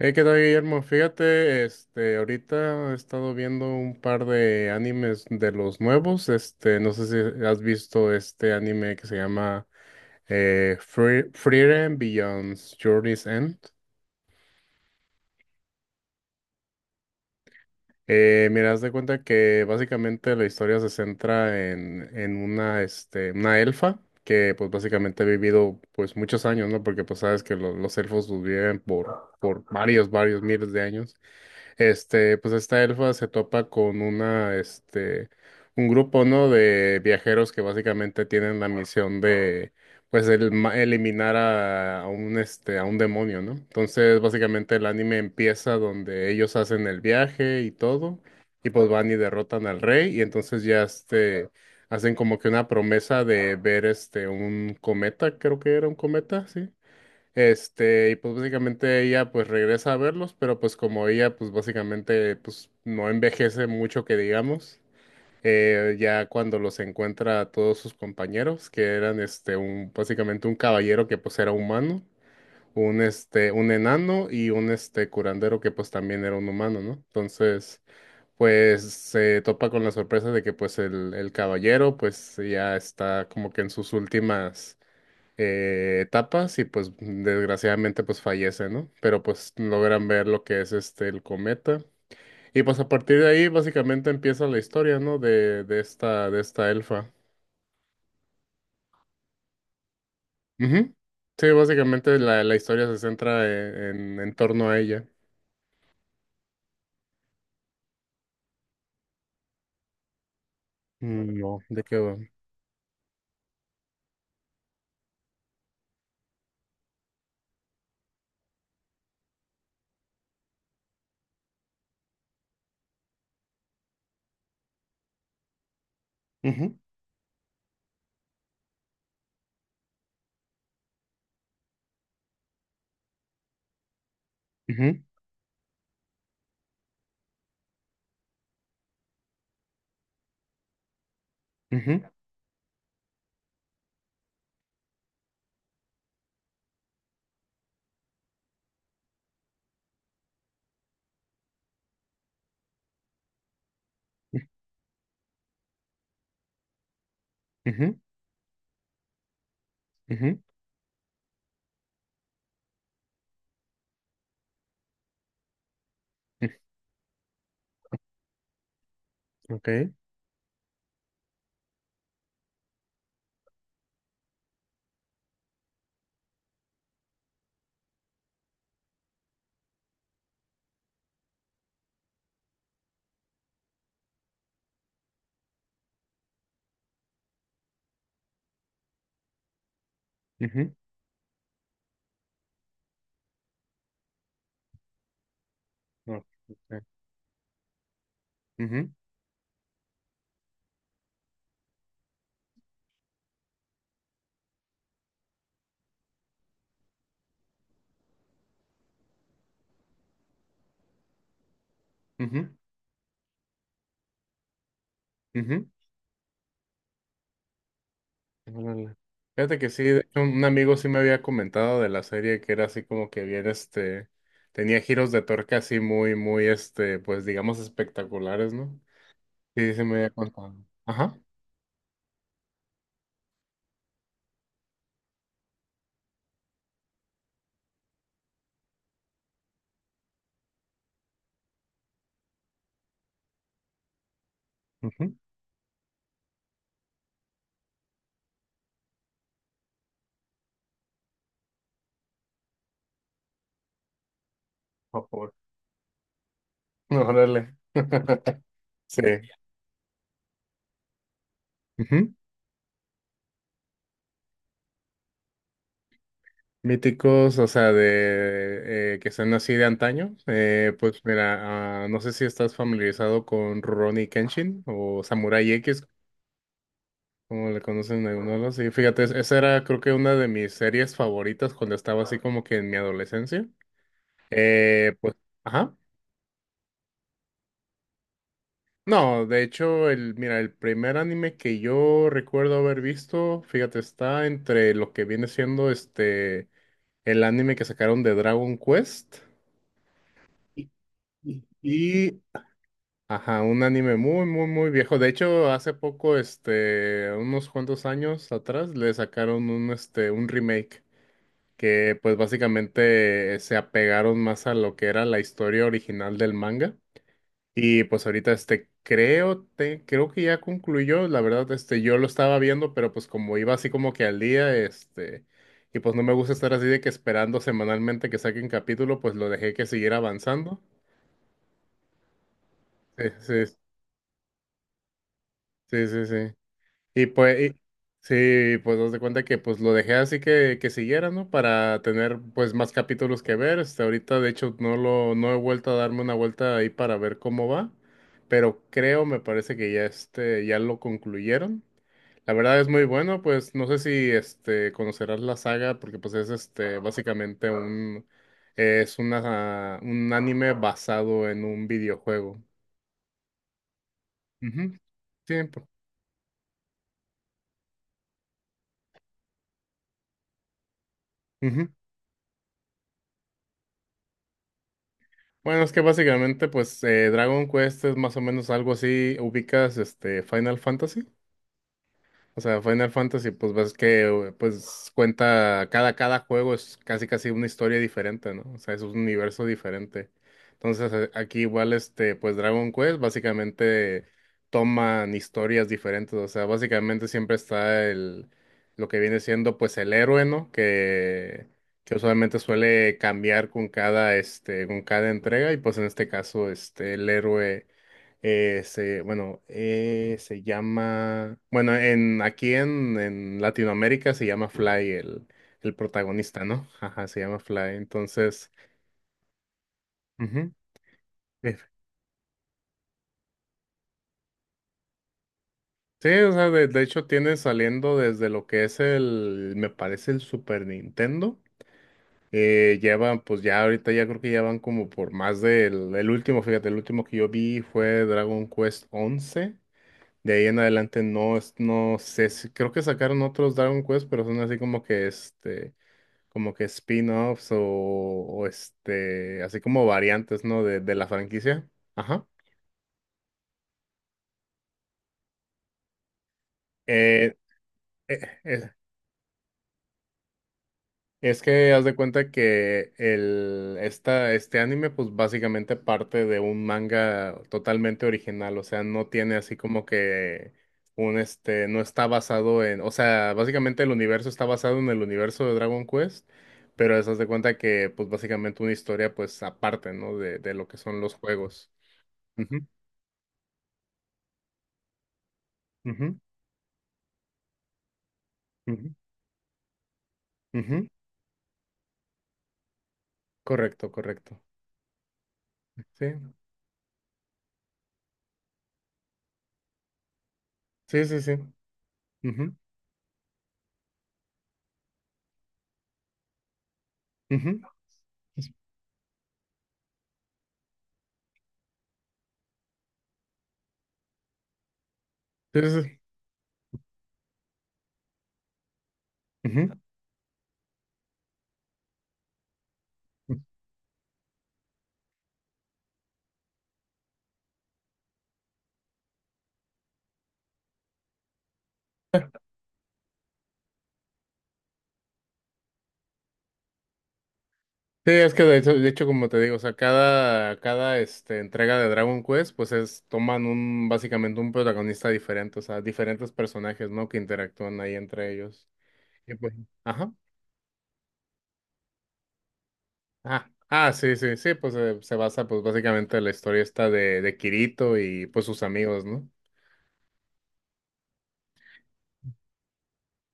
Hey, ¿qué tal, Guillermo? Fíjate, ahorita he estado viendo un par de animes de los nuevos. No sé si has visto este anime que se llama Frieren Beyond Journey's End. Mira, haz de cuenta que básicamente la historia se centra en una elfa que, pues, básicamente ha vivido, pues, muchos años, ¿no? Porque, pues, sabes que los elfos pues, viven por varios miles de años. Pues esta elfa se topa con un grupo, ¿no? De viajeros que básicamente tienen la misión de, eliminar a un demonio, ¿no? Entonces, básicamente el anime empieza donde ellos hacen el viaje y todo, y pues van y derrotan al rey, y entonces ya, hacen como que una promesa de ver, un cometa, creo que era un cometa, sí. Y pues básicamente ella pues regresa a verlos, pero pues como ella pues básicamente pues no envejece mucho que digamos, ya cuando los encuentra a todos sus compañeros, que eran este un básicamente un caballero que pues era humano, un enano y un curandero que pues también era un humano, ¿no? Entonces, pues se topa con la sorpresa de que pues el caballero pues ya está como que en sus últimas etapas y pues desgraciadamente pues fallece, ¿no? Pero pues logran ver lo que es el cometa. Y pues a partir de ahí básicamente empieza la historia, ¿no? De esta elfa. Ujú. Sí, básicamente la historia se centra en, torno a ella. Mm, no, ¿de qué va? Ujú, ujú, ujú, ujú, ujú, ujú. Ok, ujú, no, ok, ujú, ujú, ujú. Órale. Fíjate que sí, de hecho, un amigo sí me había comentado de la serie que era así como que bien, tenía giros de torque así muy, muy, pues digamos espectaculares, ¿no? Sí, sí, sí me había contado. Ajá. Ujú. Por favor. Órale. Sí. Ujú. Míticos, o sea, de que sean así de antaño. Pues mira, ah, no sé si estás familiarizado con Ronnie Kenshin o Samurai X. Como le conocen algunos, sí, fíjate, esa era creo que una de mis series favoritas cuando estaba así como que en mi adolescencia. Pues, ajá. No, de hecho, mira, el primer anime que yo recuerdo haber visto, fíjate, está entre lo que viene siendo el anime que sacaron de Dragon Quest y, ajá, un anime muy, muy, muy viejo. De hecho, hace poco, unos cuantos años atrás, le sacaron un remake. Que pues básicamente se apegaron más a lo que era la historia original del manga. Y pues ahorita creo creo que ya concluyó, la verdad yo lo estaba viendo, pero pues como iba así como que al día, y pues no me gusta estar así de que esperando semanalmente que saquen capítulo, pues lo dejé que siguiera avanzando. Sí, sí, sí, sí, sí. Y pues, sí, pues dos de cuenta que pues lo dejé así que, siguiera, ¿no? Para tener pues más capítulos que ver. Hasta ahorita, de hecho, no he vuelto a darme una vuelta ahí para ver cómo va. Pero creo, me parece que ya, ya lo concluyeron. La verdad es muy bueno, pues no sé si conocerás la saga, porque pues es básicamente un, es una, un anime basado en un videojuego. Ujú. Sí, pues, ujú. Bueno, es que básicamente, pues, Dragon Quest es más o menos algo así. ¿Ubicas Final Fantasy? O sea, Final Fantasy, pues ves que pues cuenta cada juego es casi casi una historia diferente, ¿no? O sea, es un universo diferente. Entonces, aquí igual, pues Dragon Quest básicamente toman historias diferentes. O sea, básicamente siempre está el lo que viene siendo pues el héroe, ¿no? Que usualmente suele cambiar con cada, con cada entrega. Y pues en este caso, el héroe. Se llama, en aquí en Latinoamérica se llama Fly, el protagonista, ¿no? Ajá, se llama Fly. Entonces, ujú, eh, sí, o sea, de hecho tiene saliendo desde lo que es me parece el Super Nintendo. Llevan, pues ya ahorita ya creo que ya van como por más el último, fíjate, el último que yo vi fue Dragon Quest 11. De ahí en adelante no, no sé, creo que sacaron otros Dragon Quest, pero son así como que, como que spin-offs o así como variantes, ¿no? De la franquicia. Ajá. Eh, eh, eh, Es que haz de cuenta que este anime pues básicamente parte de un manga totalmente original, o sea, no tiene así como que no está basado en, o sea, básicamente el universo está basado en el universo de Dragon Quest, pero es haz de cuenta que pues básicamente una historia pues aparte, ¿no? De lo que son los juegos. Ujú, ujú, ujú, ujú. Correcto, correcto. Sí, sí, sí, sí. Ujú, ujú. Sí, sí, sí. Ujú. Sí, es que de hecho, como te digo, o sea, cada entrega de Dragon Quest, pues toman básicamente un protagonista diferente, o sea, diferentes personajes, ¿no? Que interactúan ahí entre ellos. Y pues, ajá. Ah, ah, sí, sí, sí, pues se basa, pues básicamente en la historia esta de Kirito y pues sus amigos, ¿no?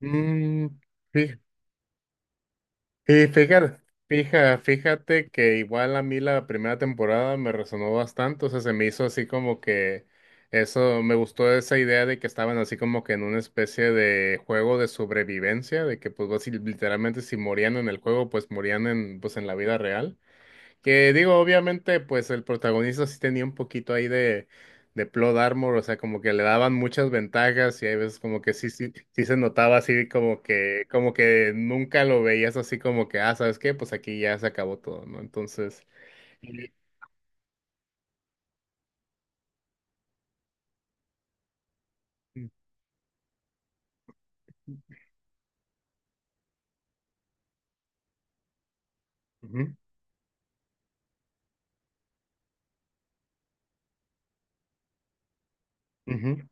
Mm, fí- sí, fíjate, fíjate que igual a mí la primera temporada me resonó bastante, o sea, se me hizo así como que eso, me gustó esa idea de que estaban así como que en una especie de juego de sobrevivencia, de que pues así literalmente si morían en el juego, pues morían pues en la vida real. Que digo, obviamente, pues el protagonista sí tenía un poquito ahí de plot armor, o sea, como que le daban muchas ventajas y hay veces como que sí, sí, sí se notaba así como que nunca lo veías así como que, ah, ¿sabes qué? Pues aquí ya se acabó todo, ¿no? Entonces. y- Ujú, ujú.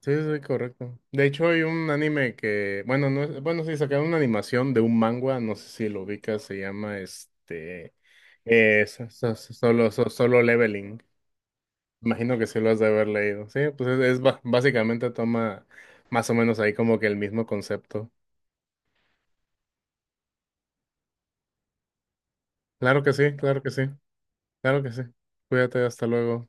Sí, sí, sí, correcto. De hecho, hay un anime que, bueno, no, bueno, sí, sacaron una animación de un manga, no sé si lo ubicas, se llama Solo leveling. Imagino que sí lo has de haber leído. Sí, pues básicamente toma más o menos ahí como que el mismo concepto. Claro que sí, claro que sí, claro que sí. Cuídate, hasta luego.